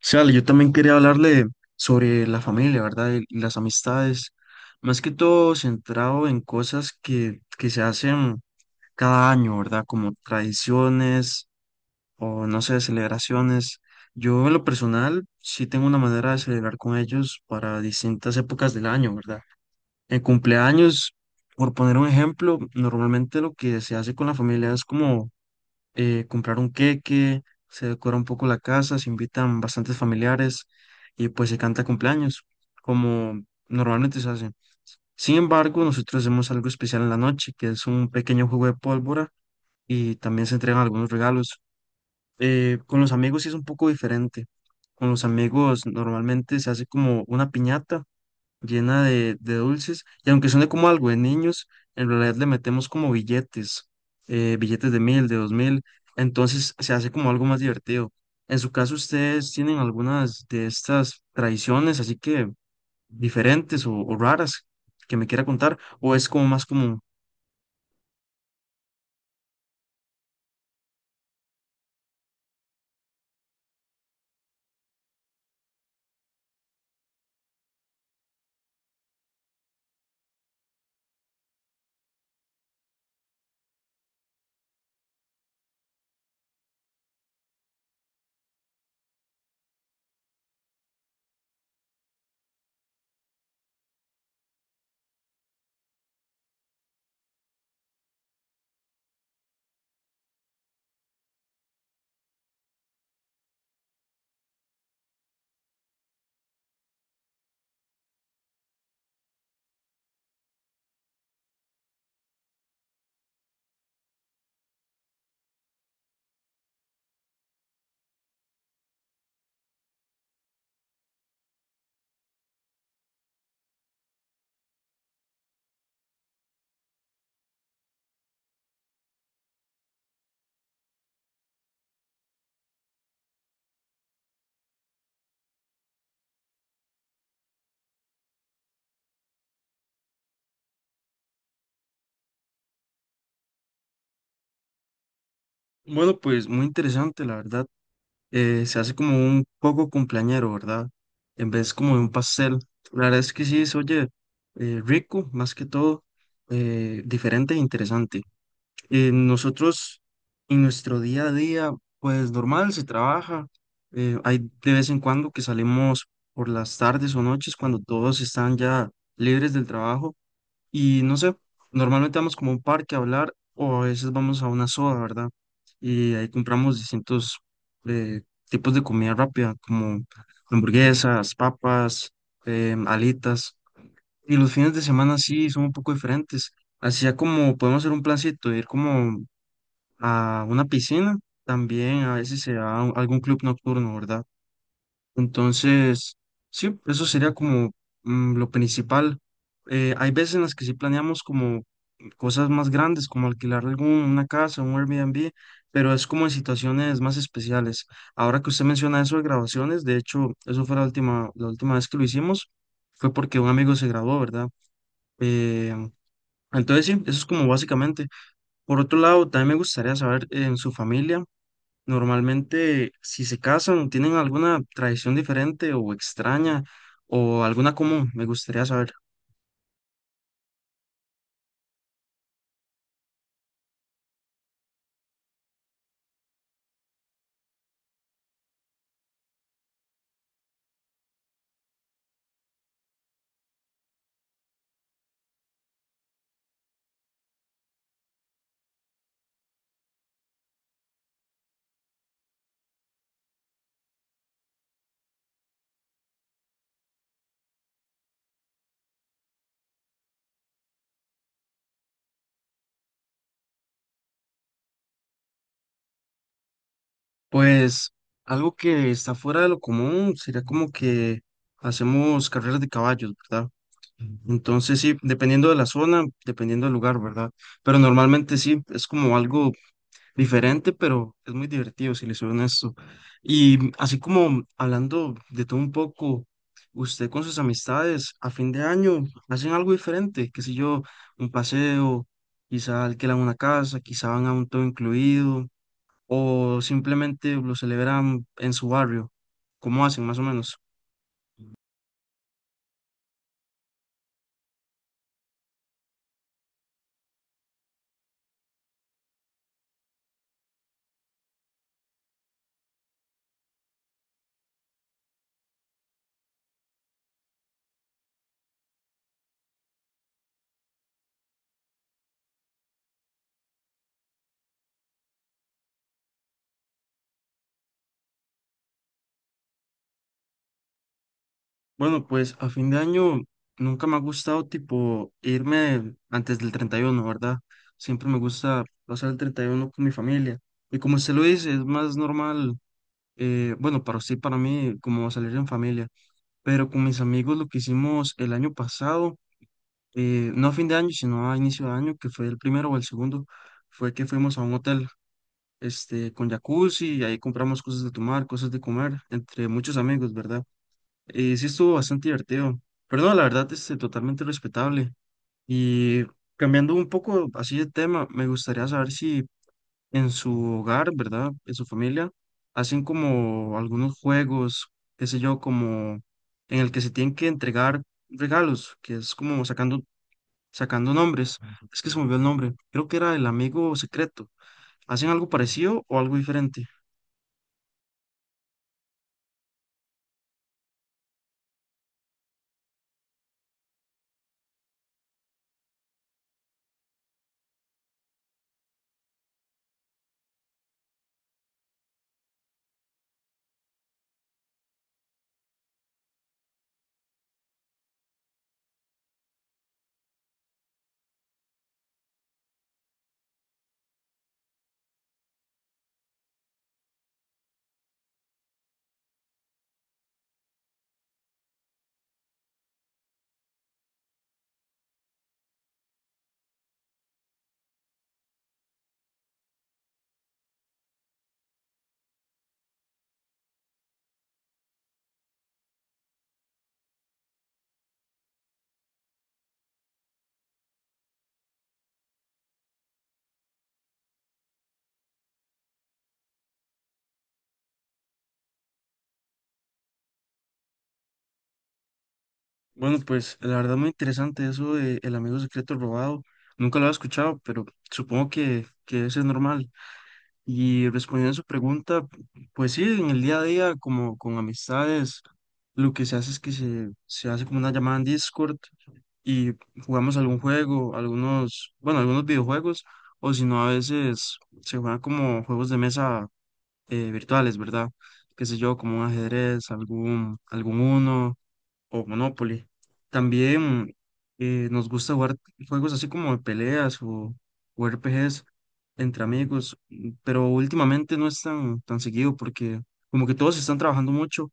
Sí, vale, yo también quería hablarle sobre la familia, ¿verdad? Y las amistades, más que todo centrado en cosas que se hacen cada año, ¿verdad? Como tradiciones o, no sé, celebraciones. Yo en lo personal sí tengo una manera de celebrar con ellos para distintas épocas del año, ¿verdad? En cumpleaños, por poner un ejemplo, normalmente lo que se hace con la familia es como comprar un queque, se decora un poco la casa, se invitan bastantes familiares y pues se canta cumpleaños, como normalmente se hace. Sin embargo, nosotros hacemos algo especial en la noche, que es un pequeño juego de pólvora y también se entregan algunos regalos. Con los amigos sí es un poco diferente. Con los amigos normalmente se hace como una piñata llena de dulces, y aunque suene como algo de niños, en realidad le metemos como billetes, billetes de 1000, de 2000, entonces se hace como algo más divertido. En su caso, ¿ustedes tienen algunas de estas tradiciones así que diferentes o raras que me quiera contar, o es como más común? Bueno, pues muy interesante, la verdad. Se hace como un poco cumpleañero, ¿verdad? En vez como de un pastel. La verdad es que sí, se oye rico, más que todo, diferente e interesante. Nosotros, en nuestro día a día, pues normal, se trabaja. Hay de vez en cuando que salimos por las tardes o noches cuando todos están ya libres del trabajo y no sé, normalmente vamos como a un parque a hablar o a veces vamos a una soda, ¿verdad? Y ahí compramos distintos eh, tipos de comida rápida, como hamburguesas, papas, alitas. Y los fines de semana sí son un poco diferentes. Así ya como podemos hacer un plancito, de ir como a una piscina, también a veces se da a algún club nocturno, ¿verdad? Entonces, sí, eso sería como lo principal. Hay veces en las que sí planeamos como cosas más grandes, como alquilar alguna casa, un Airbnb, pero es como en situaciones más especiales. Ahora que usted menciona eso de graduaciones, de hecho, eso fue la última vez que lo hicimos, fue porque un amigo se graduó, ¿verdad? Eh, entonces, sí, eso es como básicamente. Por otro lado, también me gustaría saber en su familia. Normalmente, si se casan, ¿tienen alguna tradición diferente o extraña o alguna común? Me gustaría saber. Pues algo que está fuera de lo común sería como que hacemos carreras de caballos, ¿verdad? Entonces, sí, dependiendo de la zona, dependiendo del lugar, ¿verdad? Pero normalmente sí, es como algo diferente, pero es muy divertido, si le soy honesto. Y así como hablando de todo un poco, usted con sus amistades a fin de año hacen algo diferente, qué sé yo, un paseo, quizá alquilan una casa, quizá van a un todo incluido, o simplemente lo celebran en su barrio. ¿Cómo hacen más o menos? Bueno, pues a fin de año nunca me ha gustado tipo irme antes del 31, ¿verdad? Siempre me gusta pasar el 31 con mi familia. Y como usted lo dice, es más normal, bueno, para usted y para mí, como salir en familia. Pero con mis amigos lo que hicimos el año pasado, no a fin de año, sino a inicio de año, que fue el primero o el segundo, fue que fuimos a un hotel, este, con jacuzzi y ahí compramos cosas de tomar, cosas de comer, entre muchos amigos, ¿verdad? Sí estuvo bastante divertido. Pero no, la verdad, este, totalmente respetable. Y cambiando un poco así de tema, me gustaría saber si en su hogar, ¿verdad? En su familia, hacen como algunos juegos, qué sé yo, como en el que se tienen que entregar regalos, que es como sacando nombres. Es que se me olvidó el nombre. Creo que era el amigo secreto. ¿Hacen algo parecido o algo diferente? Bueno, pues la verdad muy interesante eso de El amigo secreto robado. Nunca lo había escuchado, pero supongo que eso es normal. Y respondiendo a su pregunta, pues sí, en el día a día, como con amistades, lo que se hace es que se hace como una llamada en Discord y jugamos algún juego, algunos, bueno, algunos videojuegos, o si no, a veces se juegan como juegos de mesa virtuales, ¿verdad? Qué sé yo, como un ajedrez, algún uno o Monopoly. También nos gusta jugar juegos así como de peleas o, RPGs entre amigos, pero últimamente no es tan seguido porque como que todos están trabajando mucho,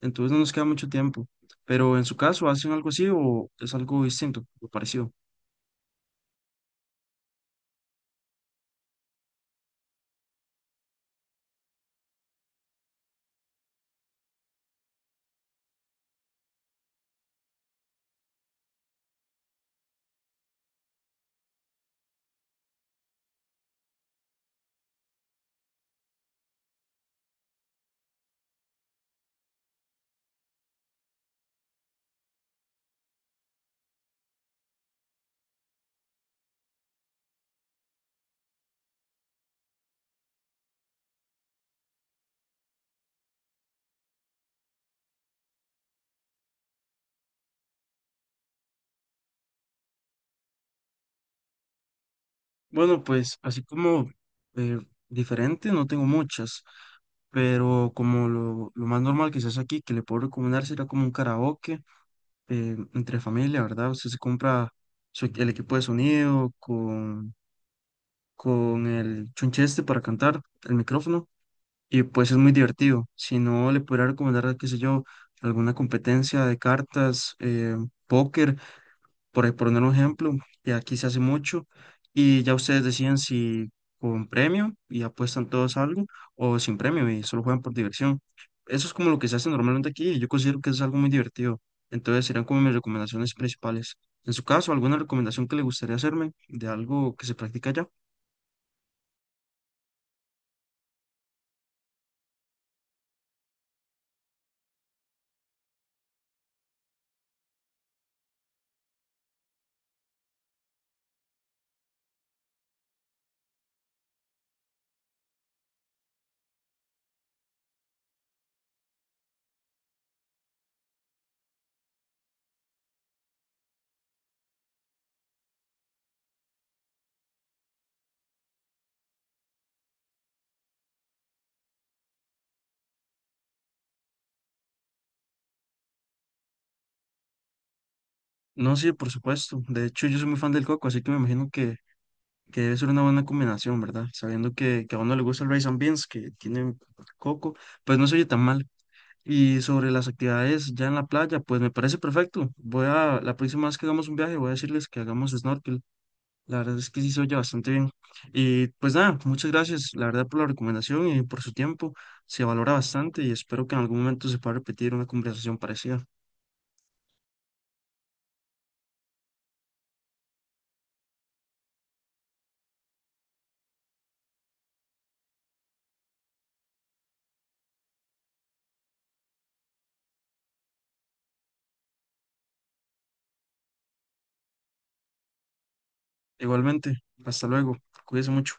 entonces no nos queda mucho tiempo. Pero en su caso, ¿hacen algo así o es algo distinto o parecido? Bueno, pues así como eh, diferente, no tengo muchas, pero como lo más normal que se hace aquí, que le puedo recomendar, sería como un karaoke entre familia, ¿verdad? Usted se compra el equipo de sonido con el chuncheste para cantar, el micrófono, y pues es muy divertido. Si no, le podría recomendar, qué sé yo, alguna competencia de cartas, póker, por ahí poner un ejemplo, que aquí se hace mucho, y ya ustedes deciden si con premio y apuestan todos a algo o sin premio y solo juegan por diversión. Eso es como lo que se hace normalmente aquí y yo considero que es algo muy divertido. Entonces serían como mis recomendaciones principales. En su caso, ¿alguna recomendación que le gustaría hacerme de algo que se practica allá? No, sí, por supuesto. De hecho, yo soy muy fan del coco, así que me imagino que debe ser una buena combinación, ¿verdad? Sabiendo que a uno le gusta el rice and beans, que tiene coco, pues no se oye tan mal. Y sobre las actividades ya en la playa, pues me parece perfecto. La próxima vez que hagamos un viaje, voy a decirles que hagamos snorkel. La verdad es que sí se oye bastante bien. Y pues nada, muchas gracias, la verdad, por la recomendación y por su tiempo. Se valora bastante y espero que en algún momento se pueda repetir una conversación parecida. Igualmente, hasta luego. Cuídense mucho.